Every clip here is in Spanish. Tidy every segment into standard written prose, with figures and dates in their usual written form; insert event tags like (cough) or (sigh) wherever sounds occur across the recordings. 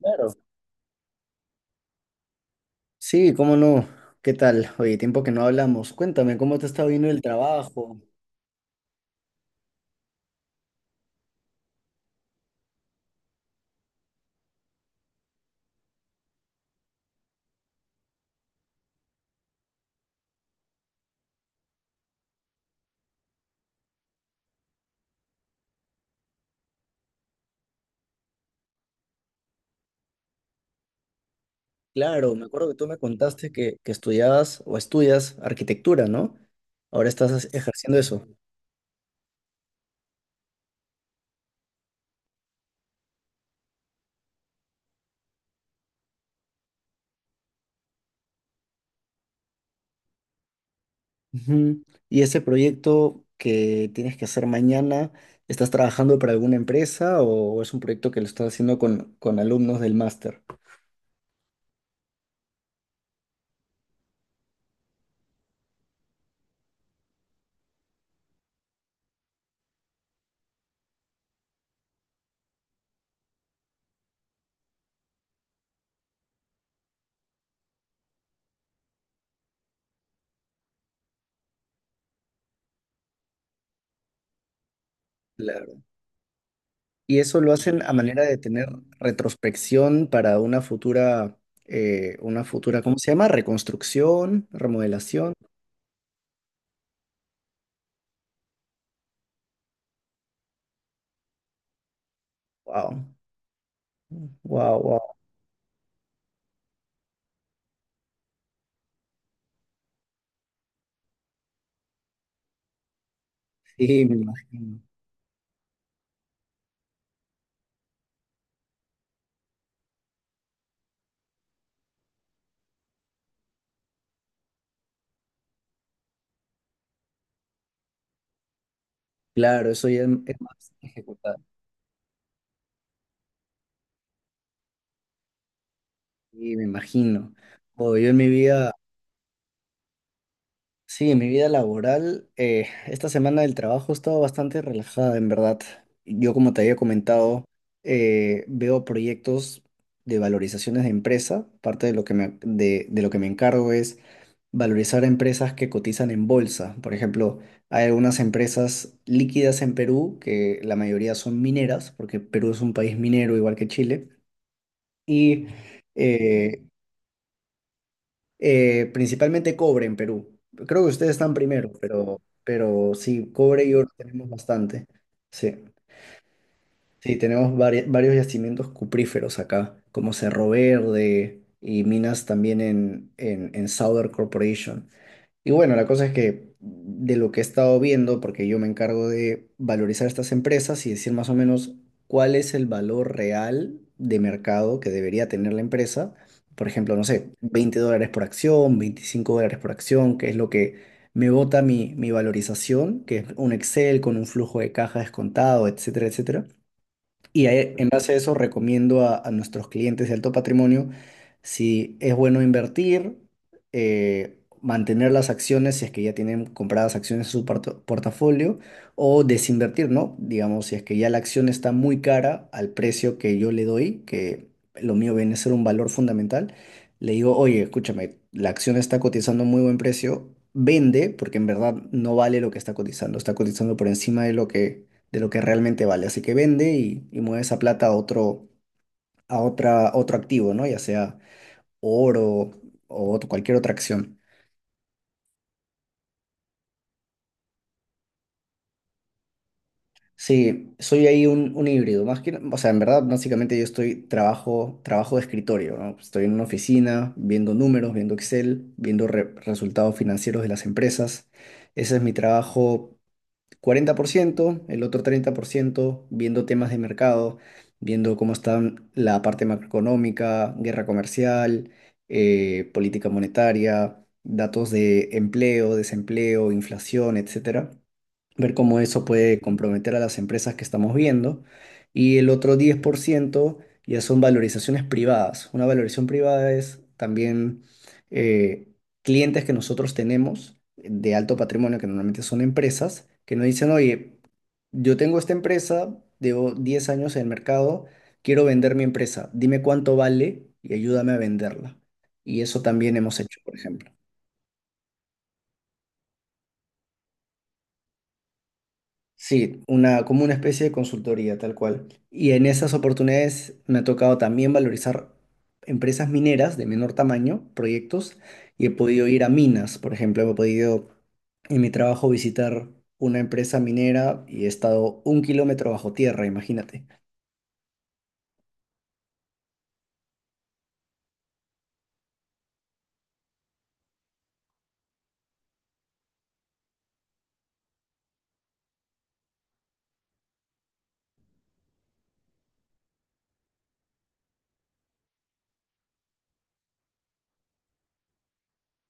Claro. Sí, cómo no. ¿Qué tal? Oye, tiempo que no hablamos. Cuéntame, ¿cómo te está viendo el trabajo? Claro, me acuerdo que tú me contaste que estudiabas o estudias arquitectura, ¿no? Ahora estás ejerciendo eso. Ujú. ¿Y ese proyecto que tienes que hacer mañana, estás trabajando para alguna empresa o es un proyecto que lo estás haciendo con alumnos del máster? Claro. Y eso lo hacen a manera de tener retrospección para una futura, ¿cómo se llama? Reconstrucción, remodelación. Wow, wow, wow. Sí, me imagino. Claro, eso ya es más ejecutado. Sí, me imagino. Oh, yo en mi vida. Sí, en mi vida laboral, esta semana del trabajo he estado bastante relajada, en verdad. Yo, como te había comentado, veo proyectos de valorizaciones de empresa. Parte de lo que de lo que me encargo es valorizar a empresas que cotizan en bolsa. Por ejemplo, hay algunas empresas líquidas en Perú, que la mayoría son mineras, porque Perú es un país minero igual que Chile. Y eh, principalmente cobre en Perú. Creo que ustedes están primero, pero sí, cobre y oro tenemos bastante. Sí, sí, tenemos varios yacimientos cupríferos acá, como Cerro Verde y minas también en Southern Corporation. Y bueno, la cosa es que de lo que he estado viendo, porque yo me encargo de valorizar estas empresas y decir más o menos cuál es el valor real de mercado que debería tener la empresa. Por ejemplo, no sé, $20 por acción, $25 por acción, que es lo que me bota mi valorización, que es un Excel con un flujo de caja descontado, etcétera, etcétera. Y ahí, en base a eso recomiendo a nuestros clientes de alto patrimonio si es bueno invertir, mantener las acciones si es que ya tienen compradas acciones en su portafolio o desinvertir, ¿no? Digamos, si es que ya la acción está muy cara al precio que yo le doy, que lo mío viene a ser un valor fundamental, le digo, oye, escúchame, la acción está cotizando a muy buen precio, vende porque en verdad no vale lo que está cotizando por encima de lo que realmente vale. Así que vende y mueve esa plata a otro, a otra, otro activo, ¿no? Ya sea oro o cualquier otra acción. Sí, soy ahí un híbrido. Más que, o sea, en verdad, básicamente yo estoy trabajo de escritorio, ¿no? Estoy en una oficina viendo números, viendo Excel, viendo resultados financieros de las empresas. Ese es mi trabajo 40%, el otro 30% viendo temas de mercado, viendo cómo está la parte macroeconómica, guerra comercial, política monetaria, datos de empleo, desempleo, inflación, etcétera, ver cómo eso puede comprometer a las empresas que estamos viendo. Y el otro 10% ya son valorizaciones privadas. Una valorización privada es también eh, clientes que nosotros tenemos de alto patrimonio, que normalmente son empresas, que nos dicen, oye, yo tengo esta empresa, llevo 10 años en el mercado, quiero vender mi empresa, dime cuánto vale y ayúdame a venderla. Y eso también hemos hecho, por ejemplo. Sí, una, como una especie de consultoría, tal cual. Y en esas oportunidades me ha tocado también valorizar empresas mineras de menor tamaño, proyectos, y he podido ir a minas, por ejemplo, he podido en mi trabajo visitar una empresa minera y he estado 1 kilómetro bajo tierra, imagínate.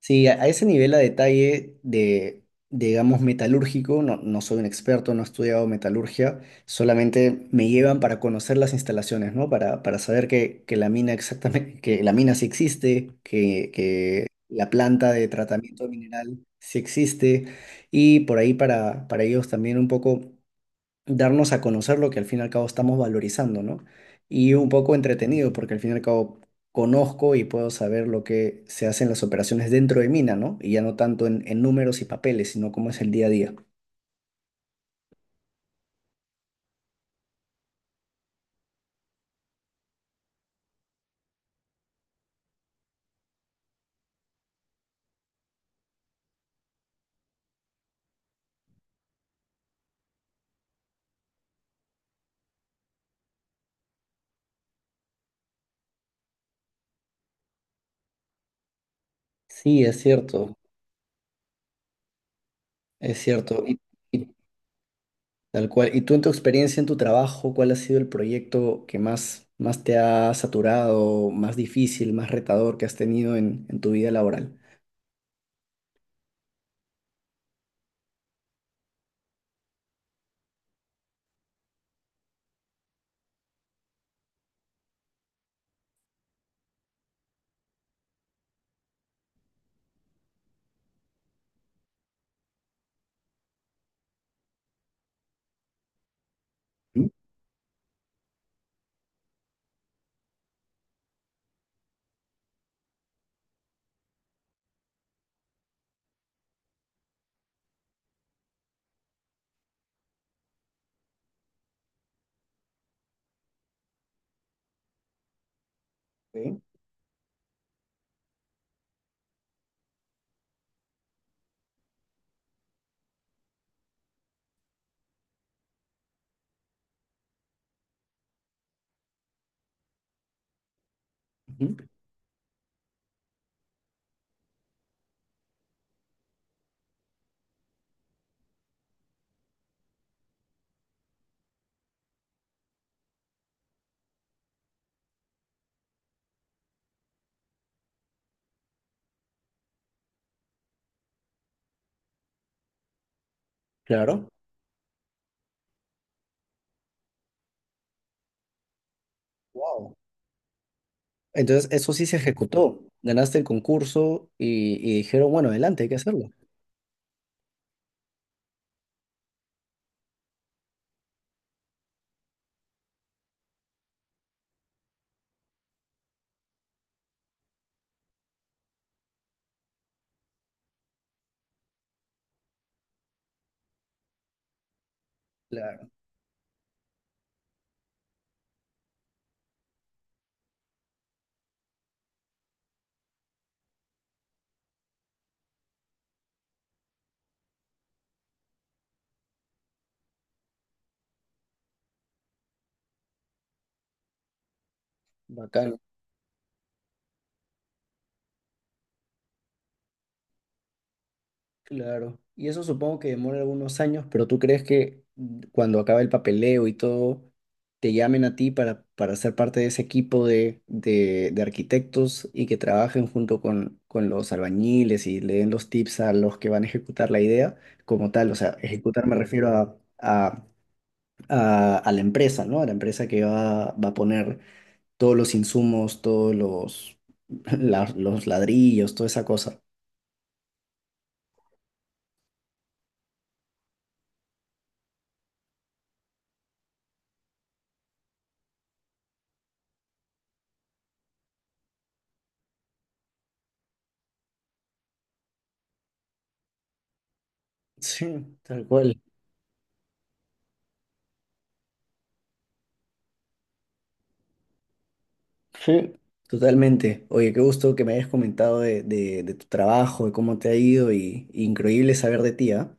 Sí, a ese nivel a detalle de, digamos, metalúrgico, no soy un experto, no he estudiado metalurgia, solamente me llevan para conocer las instalaciones, ¿no? Para saber que la mina exactamente, que la mina sí existe, que la planta de tratamiento mineral sí existe, y por ahí para ellos también un poco darnos a conocer lo que al fin y al cabo estamos valorizando, ¿no? Y un poco entretenido, porque al fin y al cabo conozco y puedo saber lo que se hace en las operaciones dentro de mina, ¿no? Y ya no tanto en números y papeles, sino cómo es el día a día. Sí, es cierto, es cierto. Y tal cual. ¿Y tú en tu experiencia, en tu trabajo, cuál ha sido el proyecto que más, más te ha saturado, más difícil, más retador que has tenido en tu vida laboral? ¿Mm? Sí. Ujú. Claro. Entonces, eso sí se ejecutó. Ganaste el concurso y dijeron, bueno, adelante, hay que hacerlo. Claro, bacán, claro. Y eso supongo que demora algunos años, pero ¿tú crees que cuando acabe el papeleo y todo, te llamen a ti para ser parte de ese equipo de arquitectos y que trabajen junto con los albañiles y le den los tips a los que van a ejecutar la idea como tal? O sea, ejecutar me refiero a la empresa, ¿no? A la empresa que va, va a poner todos los insumos, todos los, (laughs) los ladrillos, toda esa cosa. Sí, tal cual. Sí. Totalmente. Oye, qué gusto que me hayas comentado de tu trabajo, de cómo te ha ido y increíble saber de ti, ¿ah?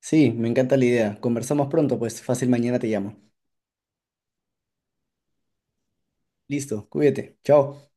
Sí, me encanta la idea. Conversamos pronto, pues fácil, mañana te llamo. Listo, cuídate. Chao.